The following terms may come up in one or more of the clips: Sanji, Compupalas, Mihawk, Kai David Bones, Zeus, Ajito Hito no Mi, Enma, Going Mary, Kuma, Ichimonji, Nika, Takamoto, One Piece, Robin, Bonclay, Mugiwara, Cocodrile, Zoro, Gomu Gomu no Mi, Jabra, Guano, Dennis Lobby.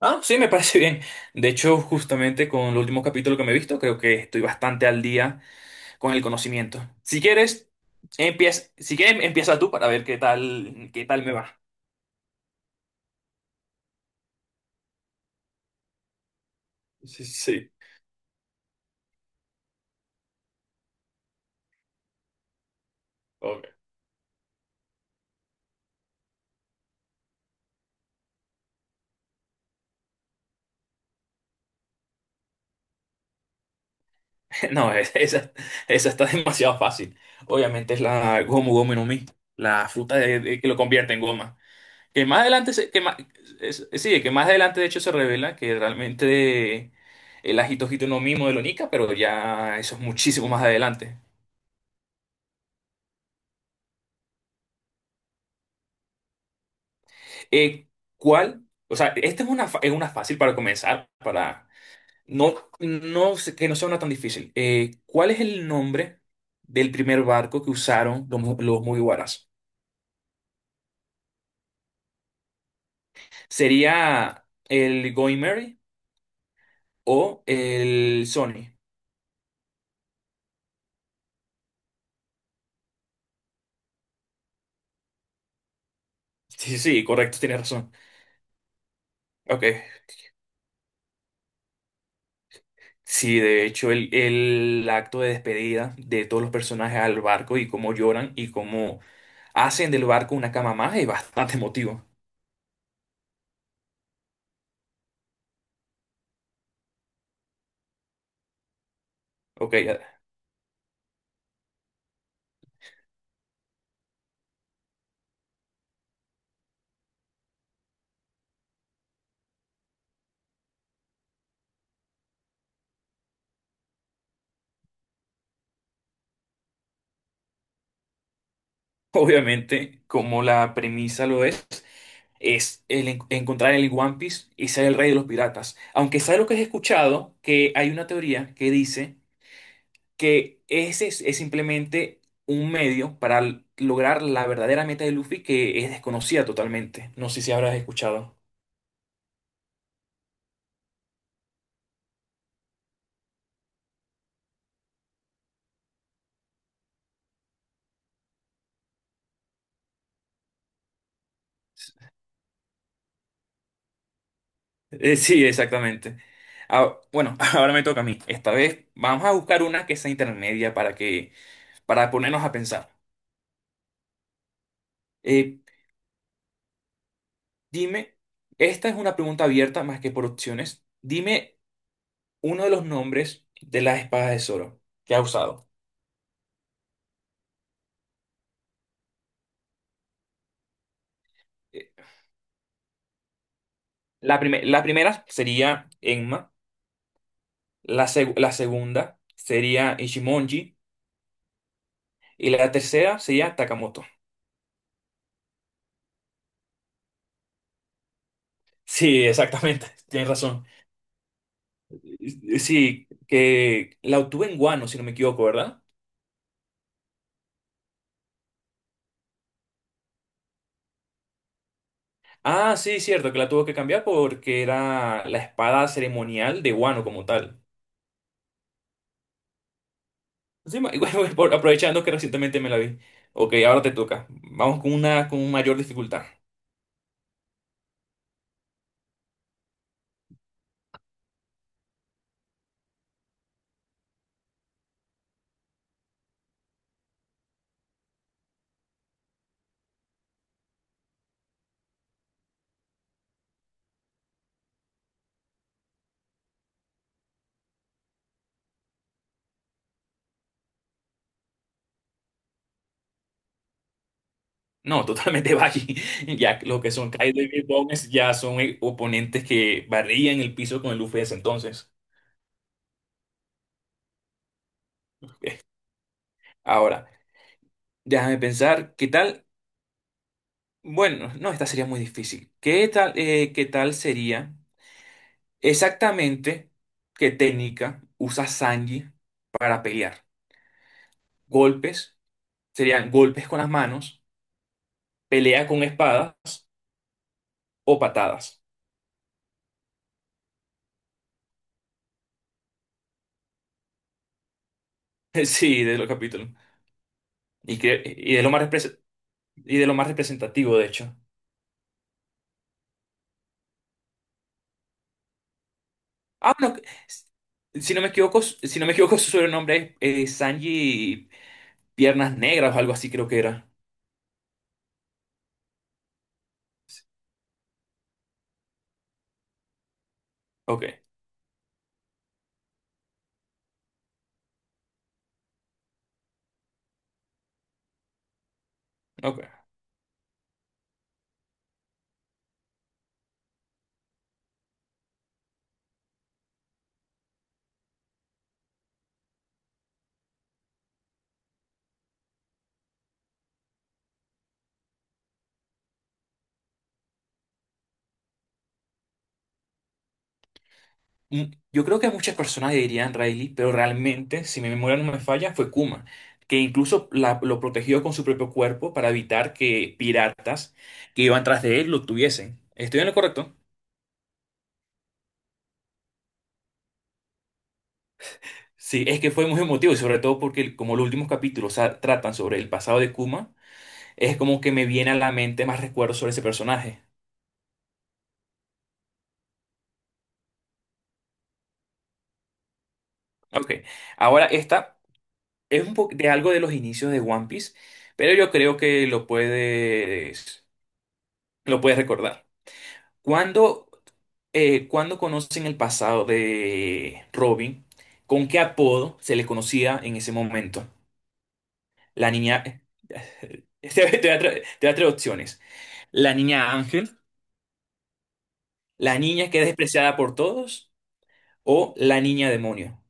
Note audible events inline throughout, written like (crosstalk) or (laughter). Ah, sí, me parece bien. De hecho, justamente con el último capítulo que me he visto, creo que estoy bastante al día con el conocimiento. Si quieres, empieza, si quieres, empieza tú para ver qué tal me va. (laughs) Sí, sí, ok. (laughs) No, esa, esa está (laughs) demasiado fácil. Obviamente es la Gomu Gomu no Mi, la fruta que lo convierte en goma. Que más adelante, se- que más, es- sí, que más adelante de hecho se revela que realmente el Ajito Hito no Mi modelo Nika, pero ya eso es muchísimo más adelante. Eh, ¿Cuál? O sea, esta es una, es una fácil para comenzar, para no, que no sea una tan difícil. ¿Cuál es el nombre del primer barco que usaron los, los Mugiwaras? ¿Sería el Going Mary o el Sony? Sí, sí, correcto, tienes razón. Ok. Sí, de hecho, el acto de despedida de todos los personajes al barco y cómo lloran y cómo hacen del barco una cama más es bastante emotivo. Ok. (laughs) Obviamente, como la premisa lo es el encontrar el One Piece y ser el rey de los piratas. Aunque sabes lo que has escuchado, que hay una teoría que dice que es simplemente un medio para lograr la verdadera meta de Luffy que es desconocida totalmente. No sé si habrás escuchado. Sí, exactamente. Ah, bueno, (laughs) ahora me toca a mí. Esta vez vamos a buscar una que sea intermedia para ponernos a pensar. Eh, Dime, esta es una pregunta abierta más que por opciones. Dime uno de los nombres de las espadas de Zoro que ha usado. Eh, la primera sería Enma, la segunda sería Ichimonji y la tercera sería Takamoto. Sí, exactamente, (laughs) tienes razón. Sí, que la obtuve en Guano, si no me equivoco, ¿verdad? Ah, sí, cierto, que la tuvo que cambiar porque era la espada ceremonial de Guano como tal. Sí, y bueno, (laughs) aprovechando que recientemente me la vi. Ok, ahora te toca. Vamos con una con mayor dificultad. No, totalmente (laughs) Valle. Ya lo que son Kai David Bones ya son oponentes que barrían el piso con el Luffy de ese entonces. Ahora, déjame pensar, ¿qué tal? Bueno, no, esta sería muy difícil. ¿Qué tal sería exactamente qué técnica usa Sanji para pelear? ¿Golpes? ¿Serían golpes con las manos? ¿Pelea con espadas o patadas? (laughs) Sí, de los capítulos. Y, que, y, de lo más repres- y de lo más representativo, de hecho. Ah, bueno, si no me equivoco, (laughs) su sobrenombre es Sanji Piernas Negras o algo así creo que era. Ok, ok. Mm, yo creo que muchas personas dirían Riley, pero realmente, si mi memoria no me falla, fue Kuma, que incluso lo protegió con su propio cuerpo para evitar que piratas que iban tras de él lo tuviesen. ¿Estoy en lo correcto? Sí, es que fue muy emotivo, y sobre todo porque como los últimos capítulos tratan sobre el pasado de Kuma, es como que me viene a la mente más recuerdos sobre ese personaje. Ok, ahora esta es un poco de algo de los inicios de One Piece, pero yo creo que lo puedes recordar. Cuando, cuando conocen el pasado de Robin, ¿con qué apodo se le conocía en ese momento? La niña... (laughs) Te voy a te voy a traer opciones. La niña Ángel, la niña que es despreciada por todos o la niña demonio.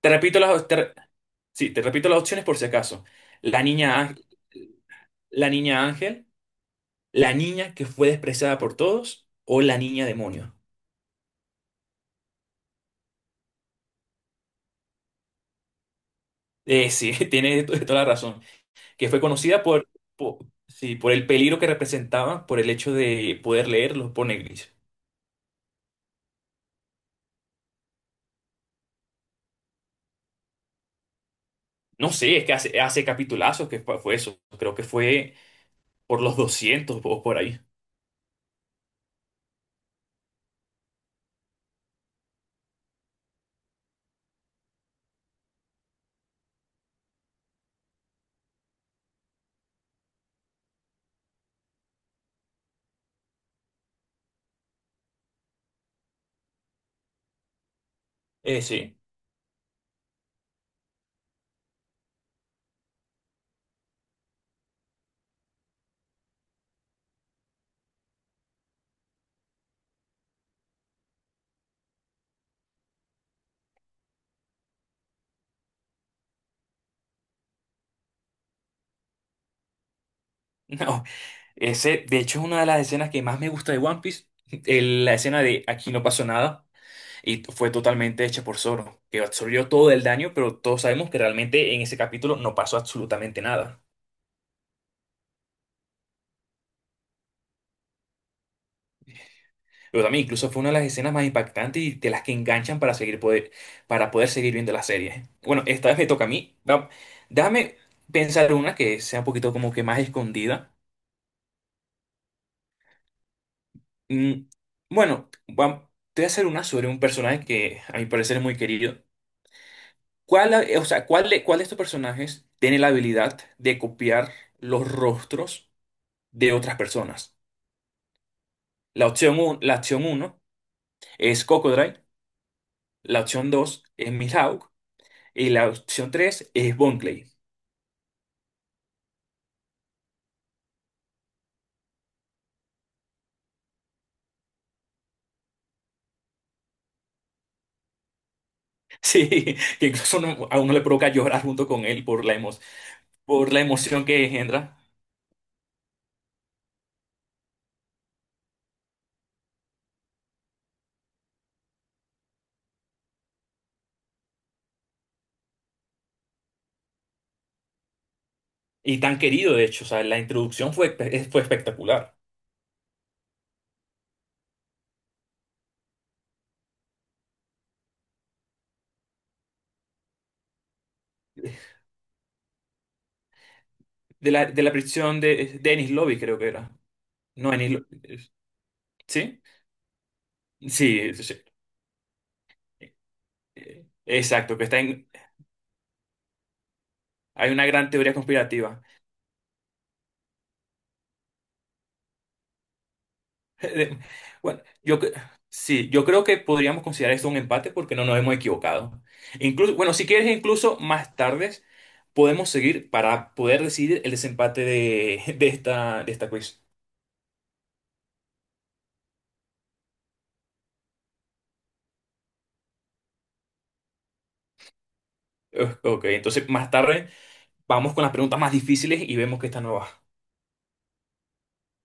Te repito las, te re- sí, te repito las opciones por si acaso. La niña, ángel- la niña ángel, la niña que fue despreciada por todos o la niña demonio. Sí, (laughs) toda la razón. Que fue conocida por, por, sí, por el peligro que representaba, por el hecho de poder leer los poneglyphs. No sé, es que hace capitulazos que fue eso. Creo que fue por los 200 o por ahí. Sí. (laughs) No, ese, de hecho, es una de las escenas que más me gusta de One Piece. (laughs) La escena de aquí no pasó nada y fue totalmente hecha por Zoro, que absorbió todo el daño, pero todos sabemos que realmente en ese capítulo no pasó absolutamente nada. Pero también incluso fue una de las escenas más impactantes y de las que enganchan para poder seguir viendo la serie. Bueno, esta vez me toca a mí. Déjame pensar una que sea un poquito como que más escondida. Mm, bueno, te voy a hacer una sobre un personaje que a mi parecer es muy querido. ¿Cuál, ha- o sea, cuál de estos personajes tiene la habilidad de copiar los rostros de otras personas? La opción uno es Cocodrile, la opción 2 es Mihawk y la opción 3 es Bonclay. (laughs) Sí, que incluso a uno le provoca llorar junto con él por la emoción que engendra. Y tan querido, de hecho, o sea, la introducción fue, fue espectacular. De de la prisión de Dennis Lobby, creo que era. No, Dennis Lobby. ¿Sí? Sí, sí, sí. Exacto, que está en, hay una gran teoría conspirativa. (laughs) De- bueno, yo creo que podríamos considerar esto un empate porque no nos hemos equivocado. Incluso, bueno, si quieres, incluso más tarde podemos seguir para poder decidir el desempate (laughs) de de esta quiz. Ok, entonces más tarde vamos con las preguntas más difíciles y vemos que está nueva.